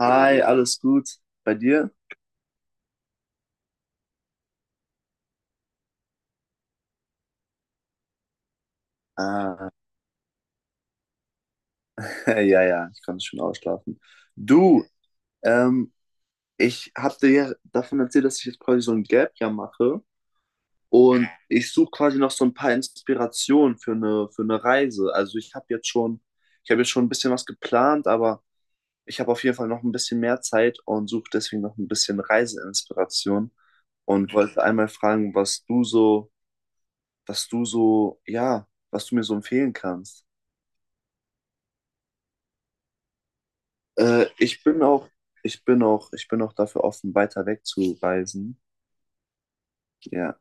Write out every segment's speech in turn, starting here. Hi, alles gut bei dir? Ah, ja, ja, ich konnte schon ausschlafen. Du, ähm, ich habe dir ja davon erzählt, dass ich jetzt quasi so ein Gap Year mache und ich suche quasi noch so ein paar Inspirationen für eine Reise. Also ich habe jetzt schon ein bisschen was geplant, aber ich habe auf jeden Fall noch ein bisschen mehr Zeit und suche deswegen noch ein bisschen Reiseinspiration und wollte einmal fragen, ja, was du mir so empfehlen kannst. Äh, ich bin auch, ich bin auch dafür offen, weiter weg zu reisen. Ja,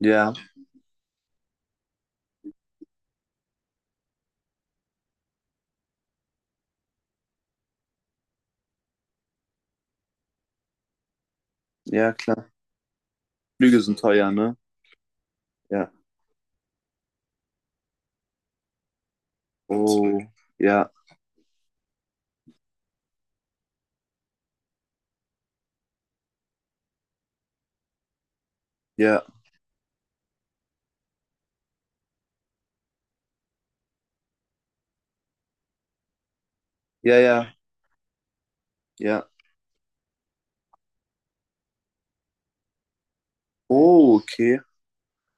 ja, ja, klar. Flüge sind teuer, ne? Ja. Oh, ja, ja, ja, ja, ja. Oh, okay.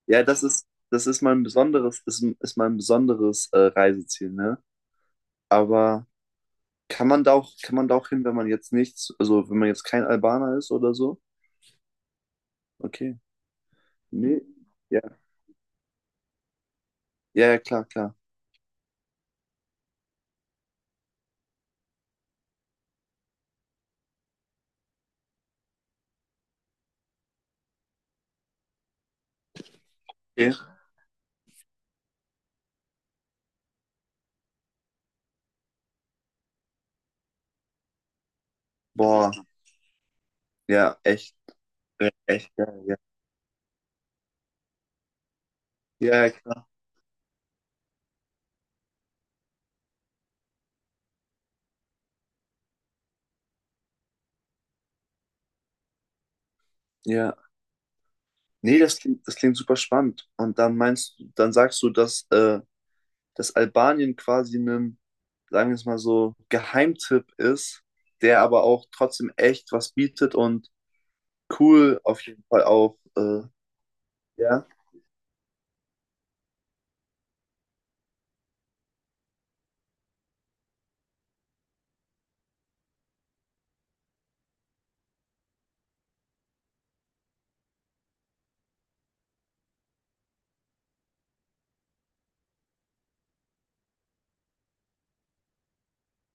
Ja, das ist mein besonderes Reiseziel, ne? Aber kann man da auch hin, wenn man jetzt nichts, also wenn man jetzt kein Albaner ist oder so? Okay. Nee. Ja, ja, ja, klar, klar. Okay. Boah, ja, echt, echt geil, ja. Ja, ja, ja. Nee, das klingt super spannend. Und dann meinst du, dann sagst du, dass Albanien quasi einem, sagen wir es mal so, Geheimtipp ist, der aber auch trotzdem echt was bietet und cool auf jeden Fall auch. Ja.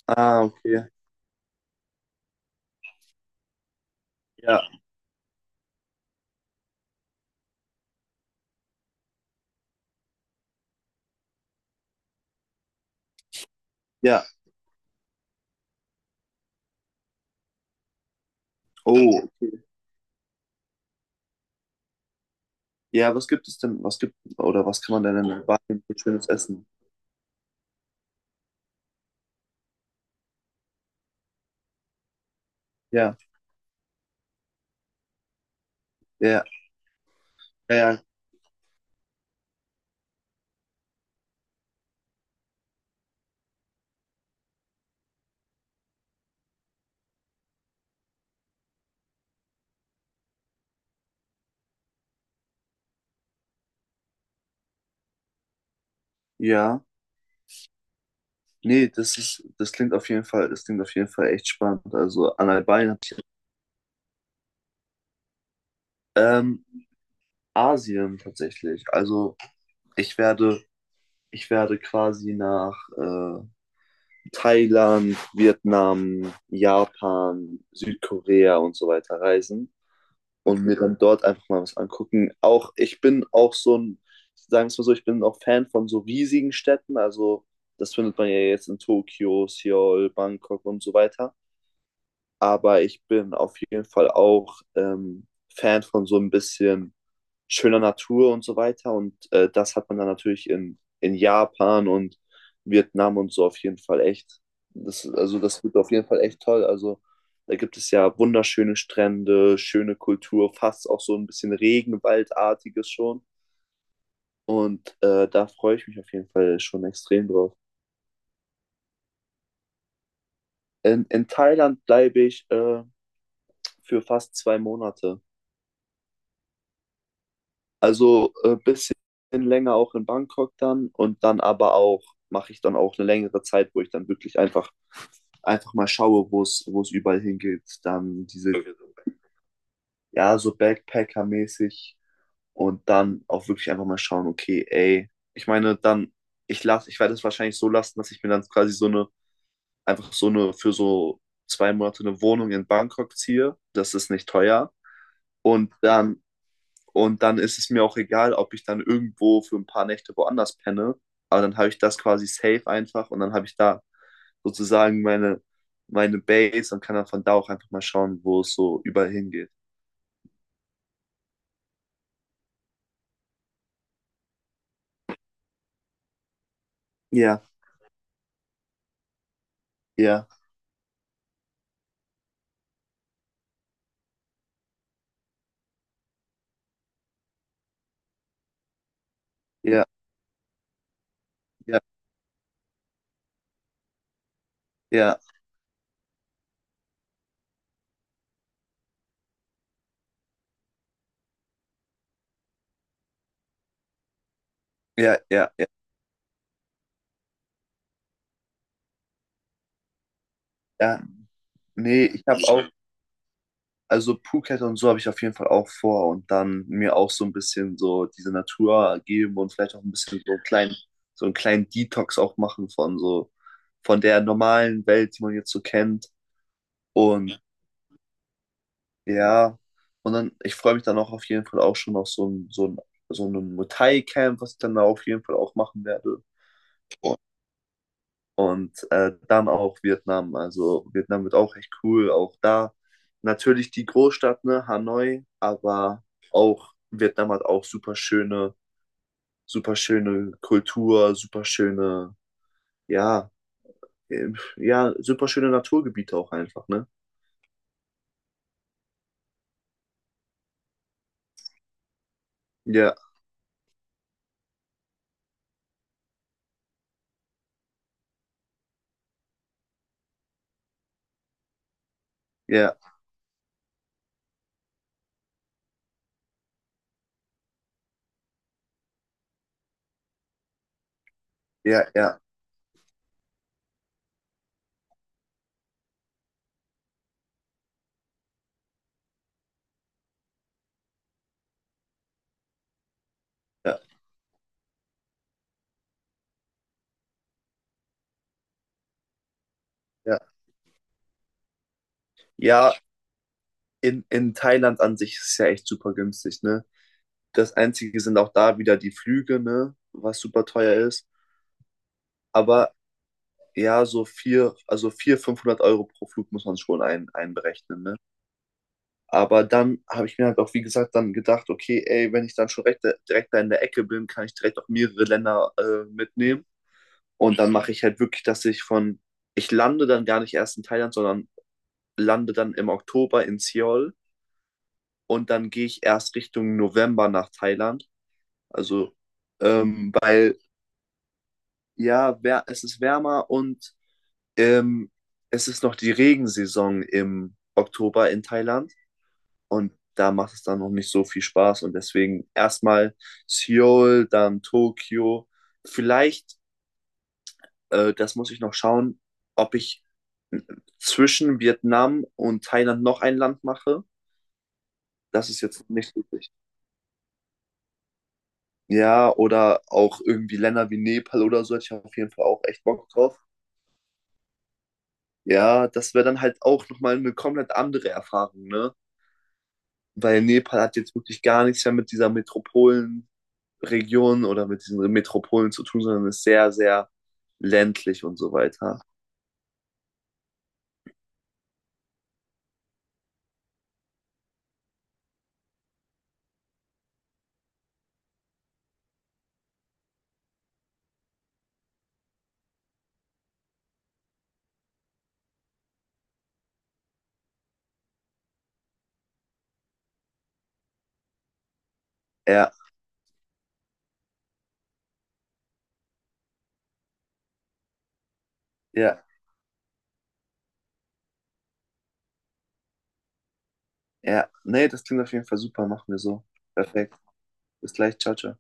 Ah, okay. Ja. Ja. Oh, okay. Ja, was gibt es denn? Was gibt oder was kann man denn in Albanien für schönes Essen? Ja, ja, ja, ja. Ja. Nee, das ist, das klingt auf jeden Fall, das klingt auf jeden Fall echt spannend. Also an Albanien habe ich. Ähm, Asien tatsächlich. Also ich werde, ich werde quasi nach Thailand, Vietnam, Japan, Südkorea und so weiter reisen und mir dann dort einfach mal was angucken. Auch ich bin auch so ein, sagen wir es mal so, ich bin auch Fan von so riesigen Städten. Also das findet man ja jetzt in Tokio, Seoul, Bangkok und so weiter. Aber ich bin auf jeden Fall auch Fan von so ein bisschen schöner Natur und so weiter. Und das hat man dann natürlich in Japan und Vietnam und so auf jeden Fall echt. Das, also das wird auf jeden Fall echt toll. Also da gibt es ja wunderschöne Strände, schöne Kultur, fast auch so ein bisschen Regenwaldartiges schon. Und da freue ich mich auf jeden Fall schon extrem drauf. In Thailand bleibe ich für fast 2 Monate. Also ein bisschen länger auch in Bangkok dann und dann aber auch, mache ich dann auch eine längere Zeit, wo ich dann wirklich einfach, einfach mal schaue, wo es überall hingeht. Dann diese, ja, so Backpacker-mäßig und dann auch wirklich einfach mal schauen, okay, ey, ich meine, dann, ich lasse, ich werde es wahrscheinlich so lassen, dass ich mir dann quasi so eine, einfach so eine, für so 2 Monate eine Wohnung in Bangkok ziehe. Das ist nicht teuer. Und dann und dann ist es mir auch egal, ob ich dann irgendwo für ein paar Nächte woanders penne. Aber dann habe ich das quasi safe einfach und dann habe ich da sozusagen meine, meine Base und kann dann von da auch einfach mal schauen, wo es so überall hingeht. Ja, ja, ja, ja, ja, ja, ja, ja. Ja. Nee, ich habe auch, also Phuket und so habe ich auf jeden Fall auch vor und dann mir auch so ein bisschen so diese Natur geben und vielleicht auch ein bisschen so einen kleinen Detox auch machen von so, von der normalen Welt, die man jetzt so kennt. Und ja, und dann, ich freue mich dann auch auf jeden Fall auch schon auf so ein Muay Thai-Camp, was ich dann da auf jeden Fall auch machen werde. Und dann auch Vietnam. Also Vietnam wird auch echt cool. Auch da natürlich die Großstadt, ne, Hanoi, aber auch Vietnam hat auch super schöne Kultur, super schöne, ja, äh, ja, super schöne Naturgebiete auch einfach, ne? Ja, ja, ja, ja, ja, ja. Ja, in Thailand an sich ist es ja echt super günstig, ne? Das Einzige sind auch da wieder die Flüge, ne? Was super teuer ist. Aber ja, so 500 € pro Flug muss man schon einberechnen, ne? Aber dann habe ich mir halt auch, wie gesagt, dann gedacht, okay, ey, wenn ich dann schon direkt da in der Ecke bin, kann ich direkt auch mehrere Länder mitnehmen. Und dann mache ich halt wirklich, dass ich von, ich lande dann gar nicht erst in Thailand, sondern lande dann im Oktober in Seoul und dann gehe ich erst Richtung November nach Thailand. Also, weil, ja, es ist wärmer und Ähm, es ist noch die Regensaison im Oktober in Thailand und da macht es dann noch nicht so viel Spaß und deswegen erstmal Seoul, dann Tokio. Vielleicht, das muss ich noch schauen, ob ich zwischen Vietnam und Thailand noch ein Land mache. Das ist jetzt nicht möglich. Ja, oder auch irgendwie Länder wie Nepal oder so, hätte ich auf jeden Fall auch echt Bock drauf. Ja, das wäre dann halt auch nochmal eine komplett andere Erfahrung, ne? Weil Nepal hat jetzt wirklich gar nichts mehr mit dieser Metropolenregion oder mit diesen Metropolen zu tun, sondern ist sehr, sehr ländlich und so weiter. Ja, ja, ja. Nee, das klingt auf jeden Fall super, machen wir so. Perfekt. Bis gleich, ciao, ciao.